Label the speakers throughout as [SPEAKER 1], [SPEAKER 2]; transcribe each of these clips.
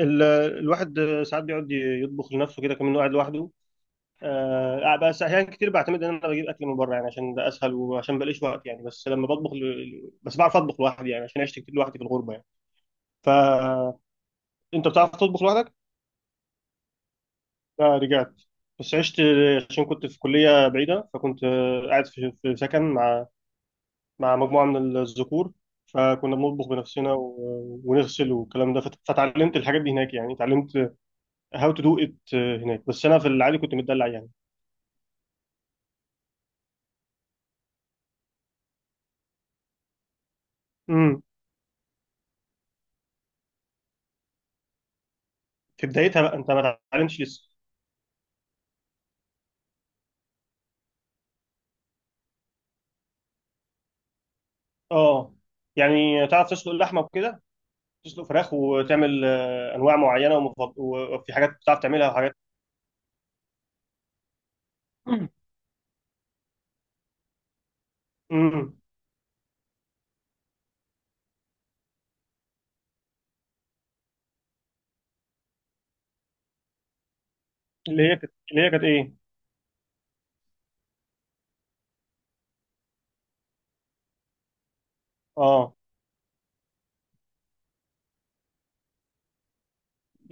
[SPEAKER 1] ال- الواحد ساعات بيقعد يطبخ لنفسه كده، كمان قاعد لوحده. آه، بس احيانا كتير بعتمد ان انا بجيب اكل من بره يعني، عشان ده اسهل وعشان بلاقيش وقت يعني. بس لما بطبخ بس بعرف اطبخ لوحدي يعني، عشان عشت كتير لوحدي في الغربه يعني. فانت بتعرف تطبخ لوحدك؟ لا، رجعت، بس عشت عشان كنت في كليه بعيده، فكنت قاعد في سكن مع مجموعه من الذكور، فكنا بنطبخ بنفسنا ونغسل والكلام ده. فتعلمت الحاجات دي هناك يعني، اتعلمت هاو تو دو ات هناك، بس انا في العادي كنت متدلع يعني. امم في بدايتها بقى انت ما تعلمش لسه؟ اه يعني تعرف تسلق اللحمه وكده، تسلق فراخ وتعمل انواع معينه، وفي حاجات بتعرف تعملها وحاجات. امم اللي هي كانت ايه؟ اه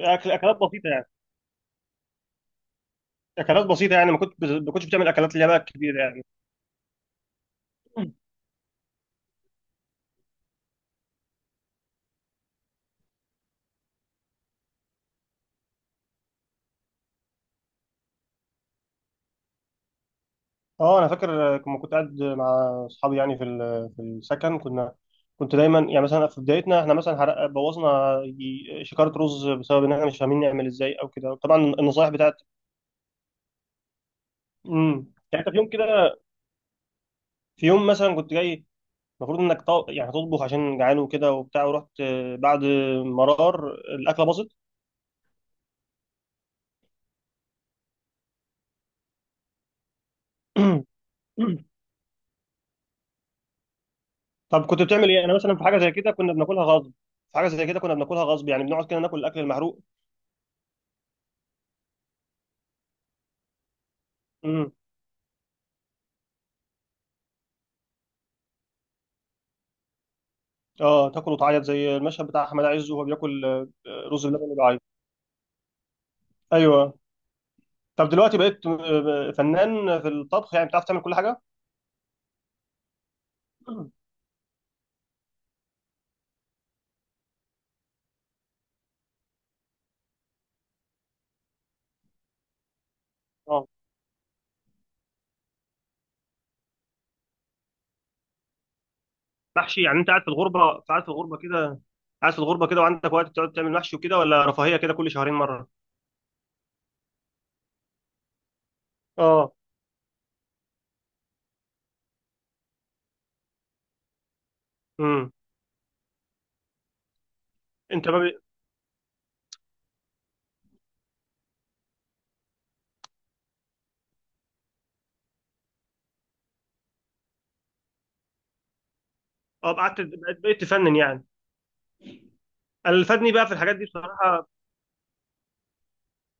[SPEAKER 1] اكل اكلات بسيطه يعني. اكلات بسيطه يعني، ما كنت ما كنتش بتعمل اكلات اللي هي بقى كبيره يعني. اه، انا فاكر، لما كنت قاعد مع اصحابي يعني في في السكن، كنا كنت دايما يعني مثلا في بدايتنا احنا مثلا بوظنا شكاره رز بسبب ان احنا مش فاهمين نعمل ازاي او كده. طبعا النصايح بتاعت. يعني انت في يوم كده، في يوم مثلا كنت جاي، المفروض انك يعني تطبخ عشان جعان وكده وبتاع، ورحت بعد مرار الاكله باظت. طب كنت بتعمل ايه؟ انا مثلا في حاجه زي كده كنا بناكلها غصب. في حاجه زي كده كنا بناكلها غصب، يعني بنقعد كده ناكل الاكل المحروق. امم اه، تاكل وتعيط زي المشهد بتاع احمد عز وهو بياكل، رز بلبن وبيعيط. ايوه. طب دلوقتي بقيت فنان في الطبخ يعني، بتعرف تعمل كل حاجه؟ اه. محشي، يعني انت قاعد في الغربه، قاعد في الغربه كده وعندك وقت تقعد تعمل محشي وكده؟ ولا رفاهيه كده كل شهرين مره؟ اه. امم انت ما بي... اه، قعدت بقيت تفنن يعني. انا اللي فادني بقى في الحاجات دي بصراحه،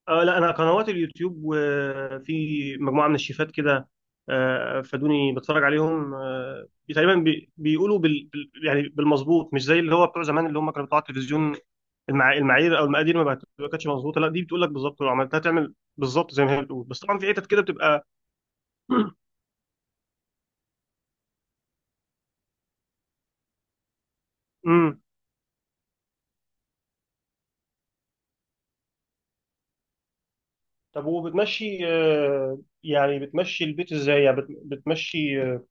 [SPEAKER 1] آه، لا، انا قنوات اليوتيوب وفي مجموعه من الشيفات كده، آه، فادوني. بتفرج عليهم، آه، تقريبا يعني بالمظبوط، مش زي اللي هو بتوع زمان اللي هم كانوا بتوع التلفزيون. المعايير او المقادير ما كانتش مظبوطه. لا، دي بتقول لك بالظبط، لو عملتها تعمل بالظبط زي ما هي بتقول، بس طبعا في حتت كده بتبقى. امم طب وبتمشي، يعني بتمشي البيت ازاي؟ يعني بتمشي، آه،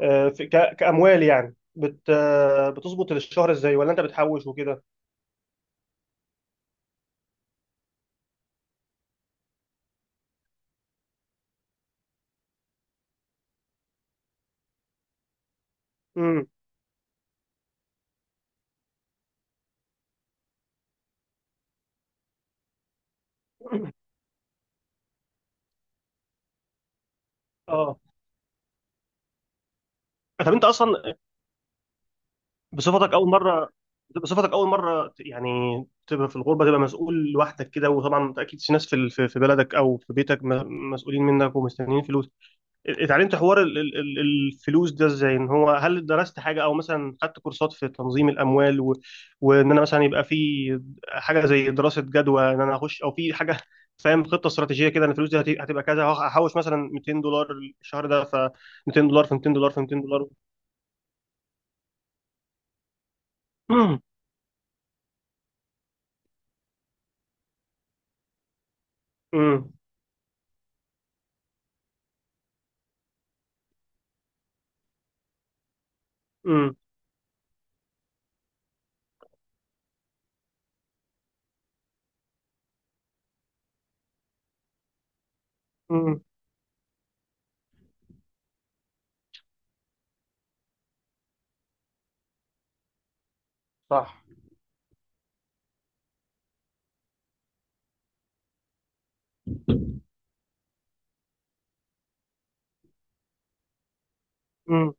[SPEAKER 1] آه، في- ك- كأموال يعني، بت آه، بتظبط الشهر ازاي؟ ولا انت بتحوش وكده؟ امم اه. طب انت اصلا، بصفتك اول مره، بصفتك اول مره يعني تبقى في الغربه، تبقى مسؤول لوحدك كده، وطبعا اكيد في ناس في في بلدك او في بيتك مسؤولين منك ومستنيين فلوس، اتعلمت حوار الفلوس ده ازاي؟ ان هو هل درست حاجه او مثلا خدت كورسات في تنظيم الاموال وان انا مثلا يبقى في حاجه زي دراسه جدوى ان انا اخش، او في حاجه فاهم خطه استراتيجيه كده، ان الفلوس دي هتبقى كذا، هحوش مثلا 200 دولار الشهر ده، ف 200 دولار في 200 دولار في 200 دولار. امم امم امم امم صح. امم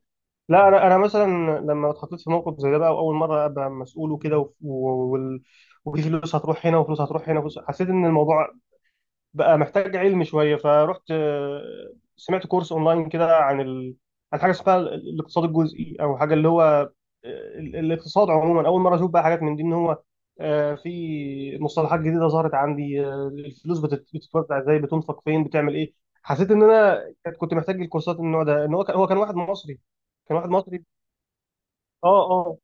[SPEAKER 1] لا انا، مثلا لما اتحطيت في موقف زي ده بقى، واول مره ابقى مسؤول وكده وال- وفي فلوس هتروح هنا وفلوس هتروح هنا حسيت ان الموضوع بقى محتاج علم شويه، فرحت، سمعت كورس اونلاين كده عن عن حاجه اسمها الاقتصاد الجزئي او حاجه، اللي هو الاقتصاد عموما. اول مره اشوف بقى حاجات من دي، ان هو في مصطلحات جديده ظهرت عندي، الفلوس بتتوزع ازاي، بتنفق فين، بتعمل ايه. حسيت ان انا كنت محتاج الكورسات من النوع ده. ان هو كان واحد مصري، كان واحد مصري. اه اه.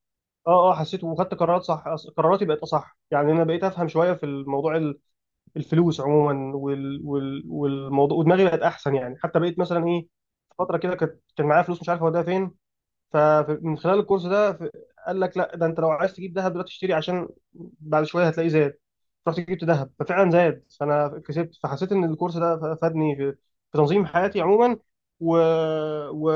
[SPEAKER 1] اه اه، حسيت وخدت قرارات صح، قراراتي بقت اصح يعني، انا بقيت افهم شويه في الموضوع، الفلوس عموما والموضوع، ودماغي بقت احسن يعني. حتى بقيت مثلا ايه، فتره كده كانت، كان معايا فلوس مش عارف اوديها فين، فمن خلال الكورس ده قال لك لا، ده انت لو عايز تجيب ذهب دلوقتي اشتري، عشان بعد شويه هتلاقيه زاد. رحت جبت ذهب، ففعلا زاد، فانا كسبت. فحسيت ان الكورس ده فادني في, في تنظيم حياتي عموما، و... و...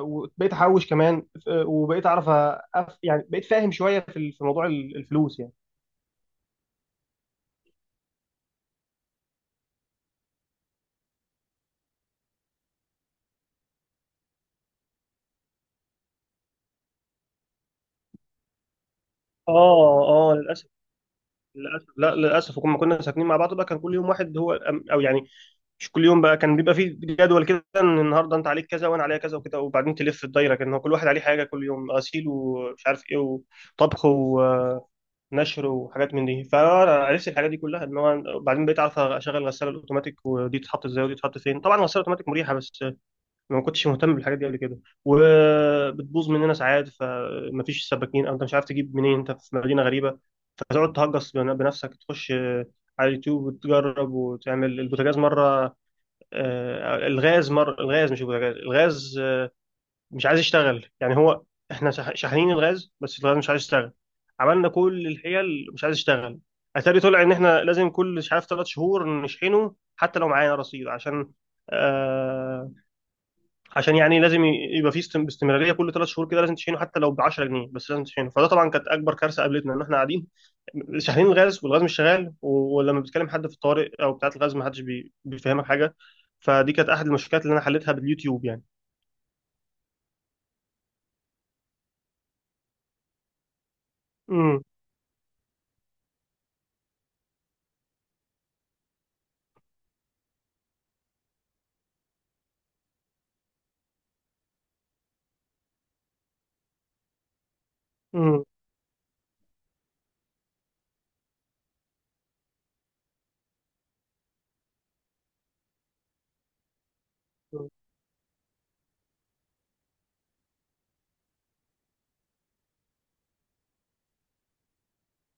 [SPEAKER 1] وبقيت احوش كمان، وبقيت اعرف يعني بقيت فاهم شويه في في موضوع الفلوس يعني. اه اه، للاسف. للاسف، لا للاسف. وكنا، كنا ساكنين مع بعض بقى، كان كل يوم واحد، هو او يعني مش كل يوم بقى، كان بيبقى فيه جدول كده، ان النهارده انت عليك كذا وانا عليا كذا وكده، وبعدين تلف الدايره، كان هو كل واحد عليه حاجه كل يوم، غسيل ومش عارف ايه وطبخ ونشر وحاجات من دي. فعرفت الحاجات دي كلها، ان هو بعدين بقيت اعرف اشغل الغساله الاوتوماتيك، ودي تتحط ازاي، ودي تتحط فين. طبعا الغساله الاوتوماتيك مريحه، بس ما كنتش مهتم بالحاجات دي قبل كده. وبتبوظ مننا ساعات، فمفيش سباكين او انت مش عارف تجيب منين، انت في مدينه غريبه. هتقعد تهجص بنفسك، تخش، على اليوتيوب وتجرب، وتعمل البوتاجاز مرة، الغاز مرة، الغاز مش البوتاجاز، الغاز مش عايز يشتغل يعني. هو احنا شاحنين الغاز، بس الغاز مش عايز يشتغل. عملنا كل الحيل مش عايز يشتغل. اتاري طلع ان احنا لازم كل مش عارف 3 شهور نشحنه، حتى لو معانا رصيد، عشان آه، عشان يعني لازم يبقى في استمراريه، كل 3 شهور كده لازم تشحنه حتى لو ب 10 جنيه، بس لازم تشحنه. فده طبعا كانت اكبر كارثه قابلتنا، ان احنا قاعدين شاحنين الغاز والغاز مش شغال، ولما بتكلم حد في الطوارئ او بتاعه الغاز ما حدش بيفهمك حاجه. فدي كانت احد المشكلات اللي انا حليتها باليوتيوب يعني. امم امم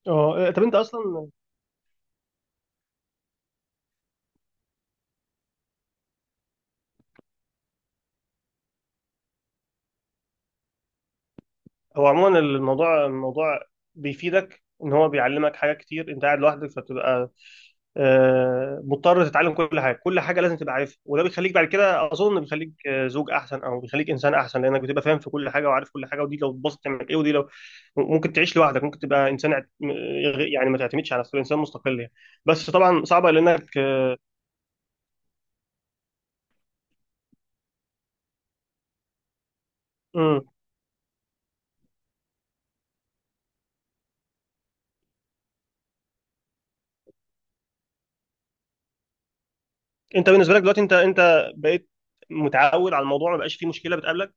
[SPEAKER 1] اه، طب انت اصلا، هو عموما الموضوع بيفيدك، ان هو بيعلمك حاجات كتير، انت قاعد لوحدك، فتبقى مضطر تتعلم كل حاجه، كل حاجه لازم تبقى عارفها، وده بيخليك بعد كده اظن بيخليك زوج احسن، او بيخليك انسان احسن، لانك بتبقى فاهم في كل حاجه وعارف كل حاجه، ودي لو اتبسطت تعمل ايه، ودي لو ممكن تعيش لوحدك، ممكن تبقى انسان يعني ما تعتمدش على نفسك، انسان مستقل يعني. بس طبعا صعبه لانك آه. مم. انت بالنسبه لك دلوقتي، انت بقيت متعود على الموضوع، ما بقاش فيه مشكله بتقابلك؟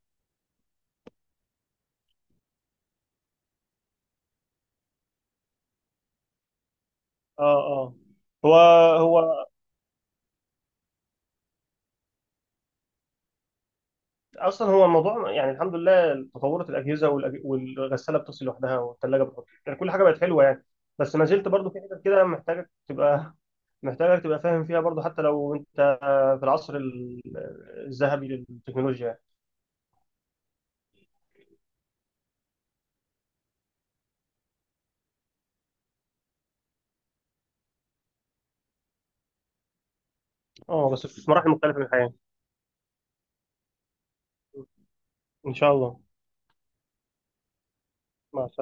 [SPEAKER 1] اه اه. هو هو اصلا هو الموضوع يعني، الحمد لله تطورت الاجهزه والغساله بتغسل لوحدها، والثلاجه بتحط، يعني كل حاجه بقت حلوه يعني. بس ما زلت برضو في حاجات كده محتاجك تبقى محتاجك تبقى فاهم فيها برضو، حتى لو انت في العصر الذهبي للتكنولوجيا يعني. اه، بس في مراحل مختلفه من الحياه. ان شاء الله. مع السلامه.